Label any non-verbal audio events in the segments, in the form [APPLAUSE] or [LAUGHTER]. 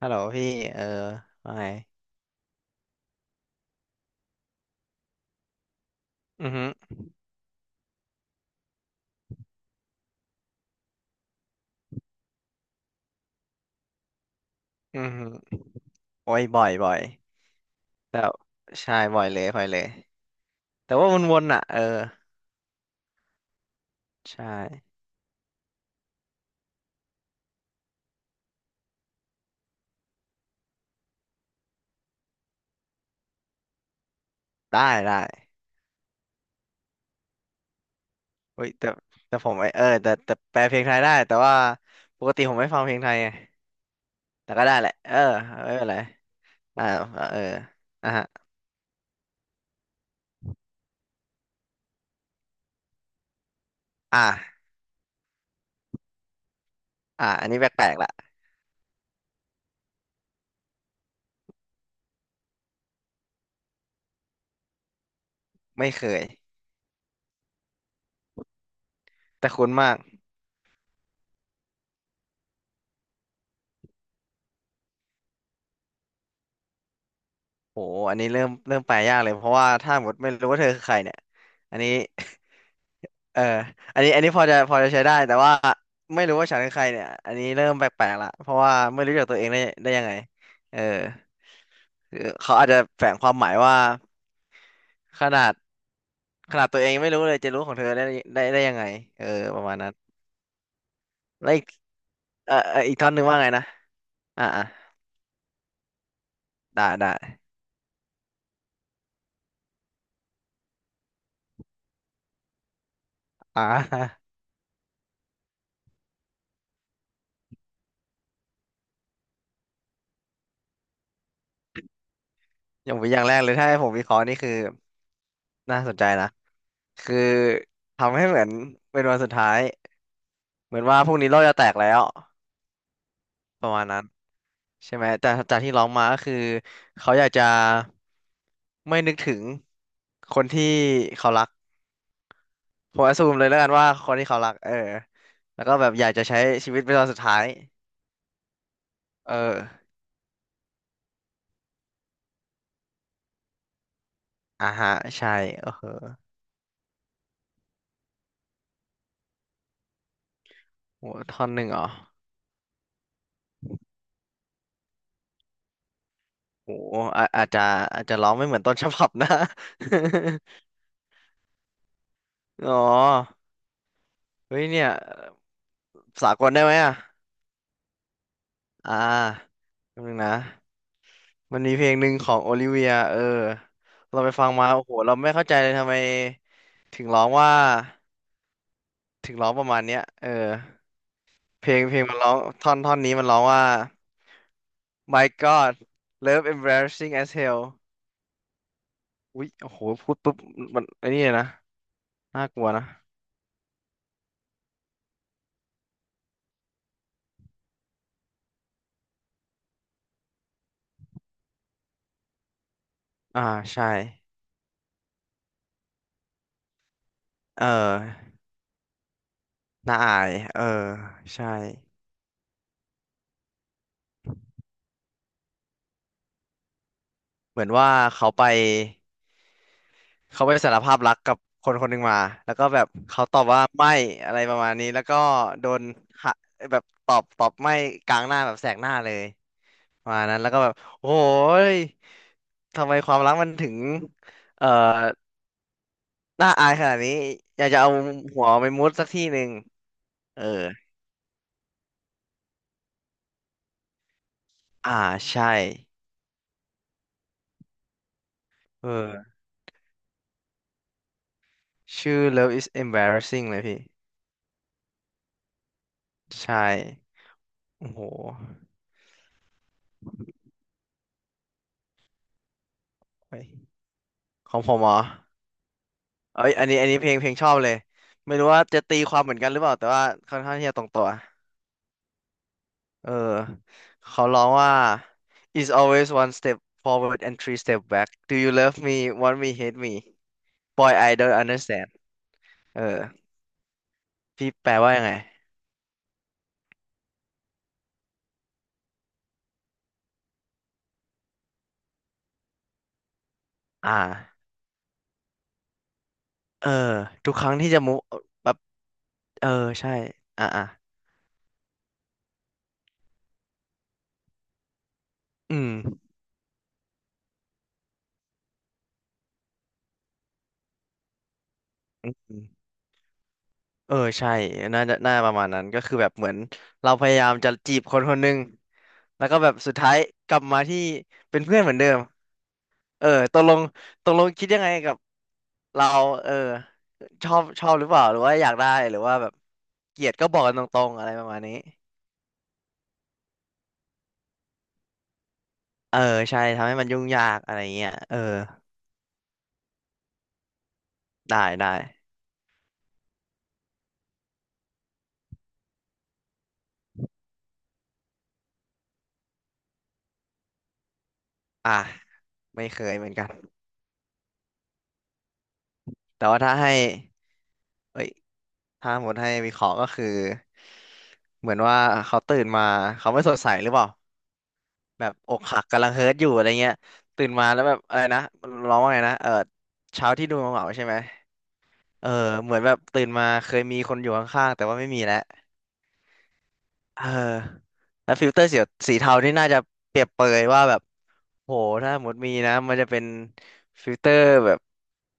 ฮัลโหลพี่เออว่าไงอือฮึอือฮึโอ้ยบ่อยบ่อยแต่ใช่บ่อยเลยบ่อยเลยแต่ว่าวนๆอ่ะเออใช่ได้ได้เฮ้ยแต่ผมไอเออแต่แปลเพลงไทยได้แต่ว่าปกติผมไม่ฟังเพลงไทยไงแต่ก็ได้แหละเออไม่เป็นไรอ่าเอออ่ะฮะอ่าอ่าอันนี้แปลกๆละไม่เคยแต่คุ้นมากโหอันนี้เริ่มแปลยากเลยเพราะว่าถ้าหมดไม่รู้ว่าเธอคือใครเนี่ยอันนี้ เอออันนี้อันนี้พอจะใช้ได้แต่ว่าไม่รู้ว่าฉันเป็นใครเนี่ยอันนี้เริ่มแปลกๆละเพราะว่าไม่รู้จักตัวเองได้ยังไงเออคือเขาอาจจะแฝงความหมายว่าขนาดขนาดตัวเองยังไม่รู้เลยจะรู้ของเธอได้ยังไงเออประมาณนั้นแล้วอีกเออเอออีกท่อนหนึ่งว่าไงนะอ่าอ่าได้ได้อ่า [LAUGHS] อย่างแรกเลยถ้าให้ผมวิเคราะห์นี่คือน่าสนใจนะคือทำให้เหมือนเป็นวันสุดท้ายเหมือนว่าพรุ่งนี้โลกจะแตกแล้วประมาณนั้น ใช่ไหมแต่จากที่ร้องมาก็คือเขาอยากจะไม่นึกถึงคนที่เขารักผมอ s ซูมเลยแล้วกันว่าคนที่เขารักเออแล้วก็แบบอยากจะใช้ชีวิตเป็นตอนสุดท้ายเอออ่าฮะใช่เออเหโหท่อนหนึ่งเหรอโหอาอาจจะร้องไม่เหมือนต้นฉบับนะ [LAUGHS] อ๋อเฮ้ยเนี่ยสากลได้ไหมอ่ะอ่าแป๊บนึงนะ มันมีเพลงหนึ่งของโอลิเวียเออ เราไปฟังมา โอ้โห เราไม่เข้าใจเลยทำไมถึงร้องว่าถึงร้องประมาณเนี้ยเออ เพลงมันร้องท่อนนี้มันร้องว่า My God Love Embarrassing as Hell อุ๊ยโอ้โห พูดปุ๊บมันไอ้นี่เลยนะน่ากลัวนะ อ่า ใช่ เออน่าอาย เออ ใช่ เหมือนว่าเขาไป เขาไปสารภาพรักกับคนคนหนึ่งมา แล้วก็แบบเขาตอบว่าไม่อะไรประมาณนี้ แล้วก็โดนหะแบบตอบไม่กลางหน้าแบบแสกหน้าเลยประมาณนั้นแล้วก็แบบโอ้ยทำไมความรักมันถึงเอ่อน่าอายขนาดนี้อยากจะเอาหัวไปมุดสักที่หนึ่งเอออ่าใช่เออชื่อ Love is embarrassing เลยพี่ใช่โอ้โหเฮ้ยของผมเหรอ เอ้ยอันนี้ อันนี้เพลงชอบเลย ไม่รู้ว่าจะตีความเหมือนกันหรือเปล่า แต่ว่าค่อนข้างที่จะตรงตัวเออเขาร้องว่า is always one step forward and three step back do you love me want me hate me boy I don't understand เออพี่แปลว่ายังไงอ่าเออ ทุกครั้งที่จะมุแบบเออใช่อ่าอ่าอืมอืมเออใช่น่าจะน่าประมาณนั้นก็คือแบบเหมือนเราพยายามจะจีบคนคนหนึ่ง แล้วก็แบบสุดท้ายกลับมาที่เป็นเพื่อนเหมือนเดิม เออตกลงตกลงคิดยังไงกับเราเออชอบหรือเปล่าหรือว่าอยากได้หรือว่าแบบเกลียดก็บอกกันตรงๆอะไรประมาณนี้เออใช่ทำให้มันยุ่งยากอะไรเงี้ยเออได้ได้อ่ะไม่เคยเหมือนกันแต่ว่าถ้าให้เอ้ยถ้าหมดให้วิเคราะห์ก็คือเหมือนว่าเขาตื่นมาเขาไม่สดใสหรือเปล่าแบบอกหักกำลังเฮิร์ตอยู่อะไรเงี้ยตื่นมาแล้วแบบอะไรนะร้องว่าไงนะเออเช้าที่ดูเหงาๆใช่ไหม เออเหมือนแบบตื่นมาเคยมีคนอยู่ข้างๆแต่ว่าไม่มีแล้วเออแล้วฟิลเตอร์สีเทานี่น่าจะเปรียบเปรยว่าแบบโหถ้าหมดมีนะมันจะเป็นฟิลเตอร์แบบ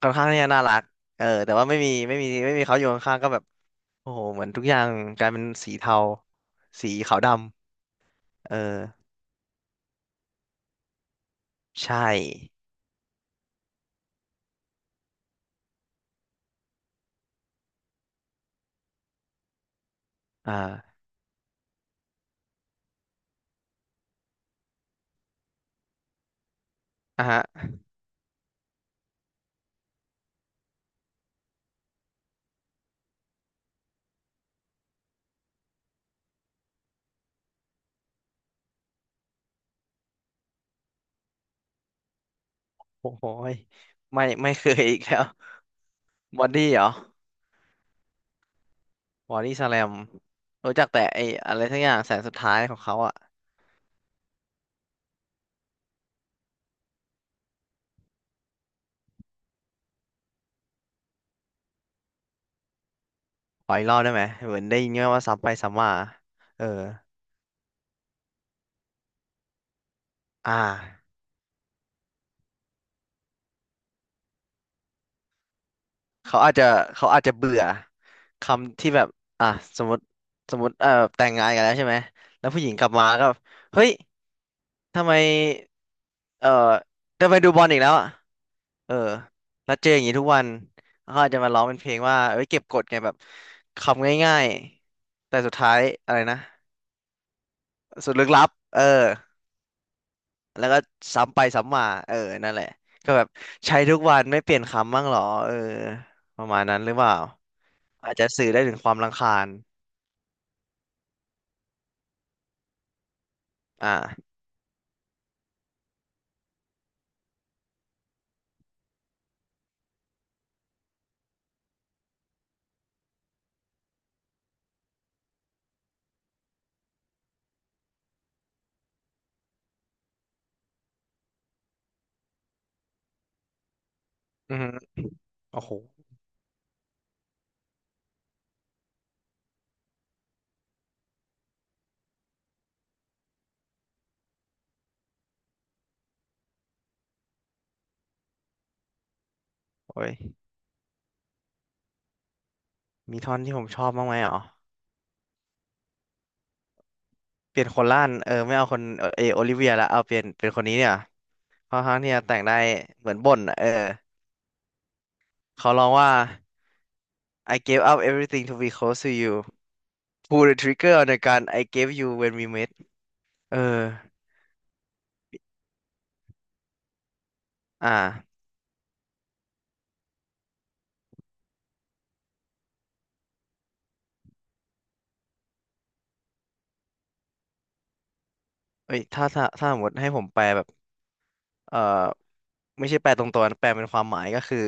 ค่อนข้างที่จะน่ารักเออแต่ว่าไม่มีไม่มีไม่มีเขาอยู่ข้างๆก็แบบโอ้โหเหมือนทุกอย่างกลายเป็นสีเทาสีขาวดำเออใช่อ่าอ่ะฮะโอ้โหยไม่เคยอีกแล้ว [LAUGHS] บอดี้เหรอบอดี้สแลมรู้จักแต่ไอ้อะไรทั้งอย่างแสนสุดท้ายของเขาอ่ะ ขออีกรอบได้ไหมเหมือนได้ยินว่าซ้ำไปซ้ำมาเอออ่าเขาอาจจะเขาอาจจะเบื่อคำที่แบบอ่ะสมมติสมมติเอ่อแต่งงานกันแล้วใช่ไหมแล้วผู้หญิงกลับมาก็เฮ้ยทำไมเออทำไมดูบอลอีกแล้วอ่ะเออแล้วเจออย่างนี้ทุกวันเขาอาจจะมาร้องเป็นเพลงว่าเอ้ยเก็บกดไงแบบคำง่ายๆแต่สุดท้ายอะไรนะสุดลึกลับเออ แล้วก็ซ้ำไปซ้ำมาเออนั่นแหละก็แบบใช้ทุกวันไม่เปลี่ยนคำบ้างเหรอเออประมาณนั้นหรือเปล่าอาจจะสื่อได้ถึงความรำคาญอ่าอือฮึโอ้โหโอ้ยมีท่อนที่ผมชอบบ้างไหมอ๋อเปลี่ยนคนล่านเออไม่เอาคนเออเอโอลิเวียละเอาเปลี่ยนเป็นคนนี้เนี่ยค่อนข้างที่จะแต่งได้เหมือนบ่นอะเออเขาร้องว่า I gave up everything to be close to you pull the trigger on the gun I gave you when we met เอออ่าเอ้ยถ้าสมมติให้ผมแปลแบบ เอ่อไม่ใช่แปลตรงตัวนะแปลเป็นความหมายก็คือ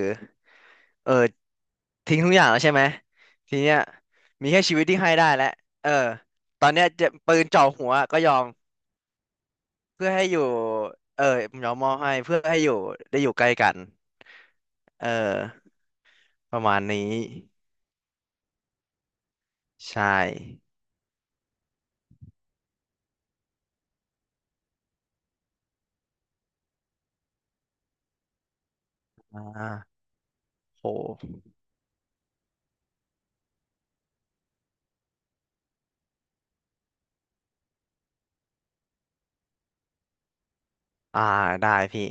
เออทิ้งทุกอย่างแล้วใช่ไหมทีเนี้ยมีแค่ชีวิตที่ให้ได้แล้วเออตอนเนี้ยจะปืนจ่อหัวก็ยอมเพื่อให้อยู่เออยอมมอบให้เพื่อให้อยู่ได้อยู่ใกล้กันเออประมาณนี้ใช่อ่าโหอ่าได้พี่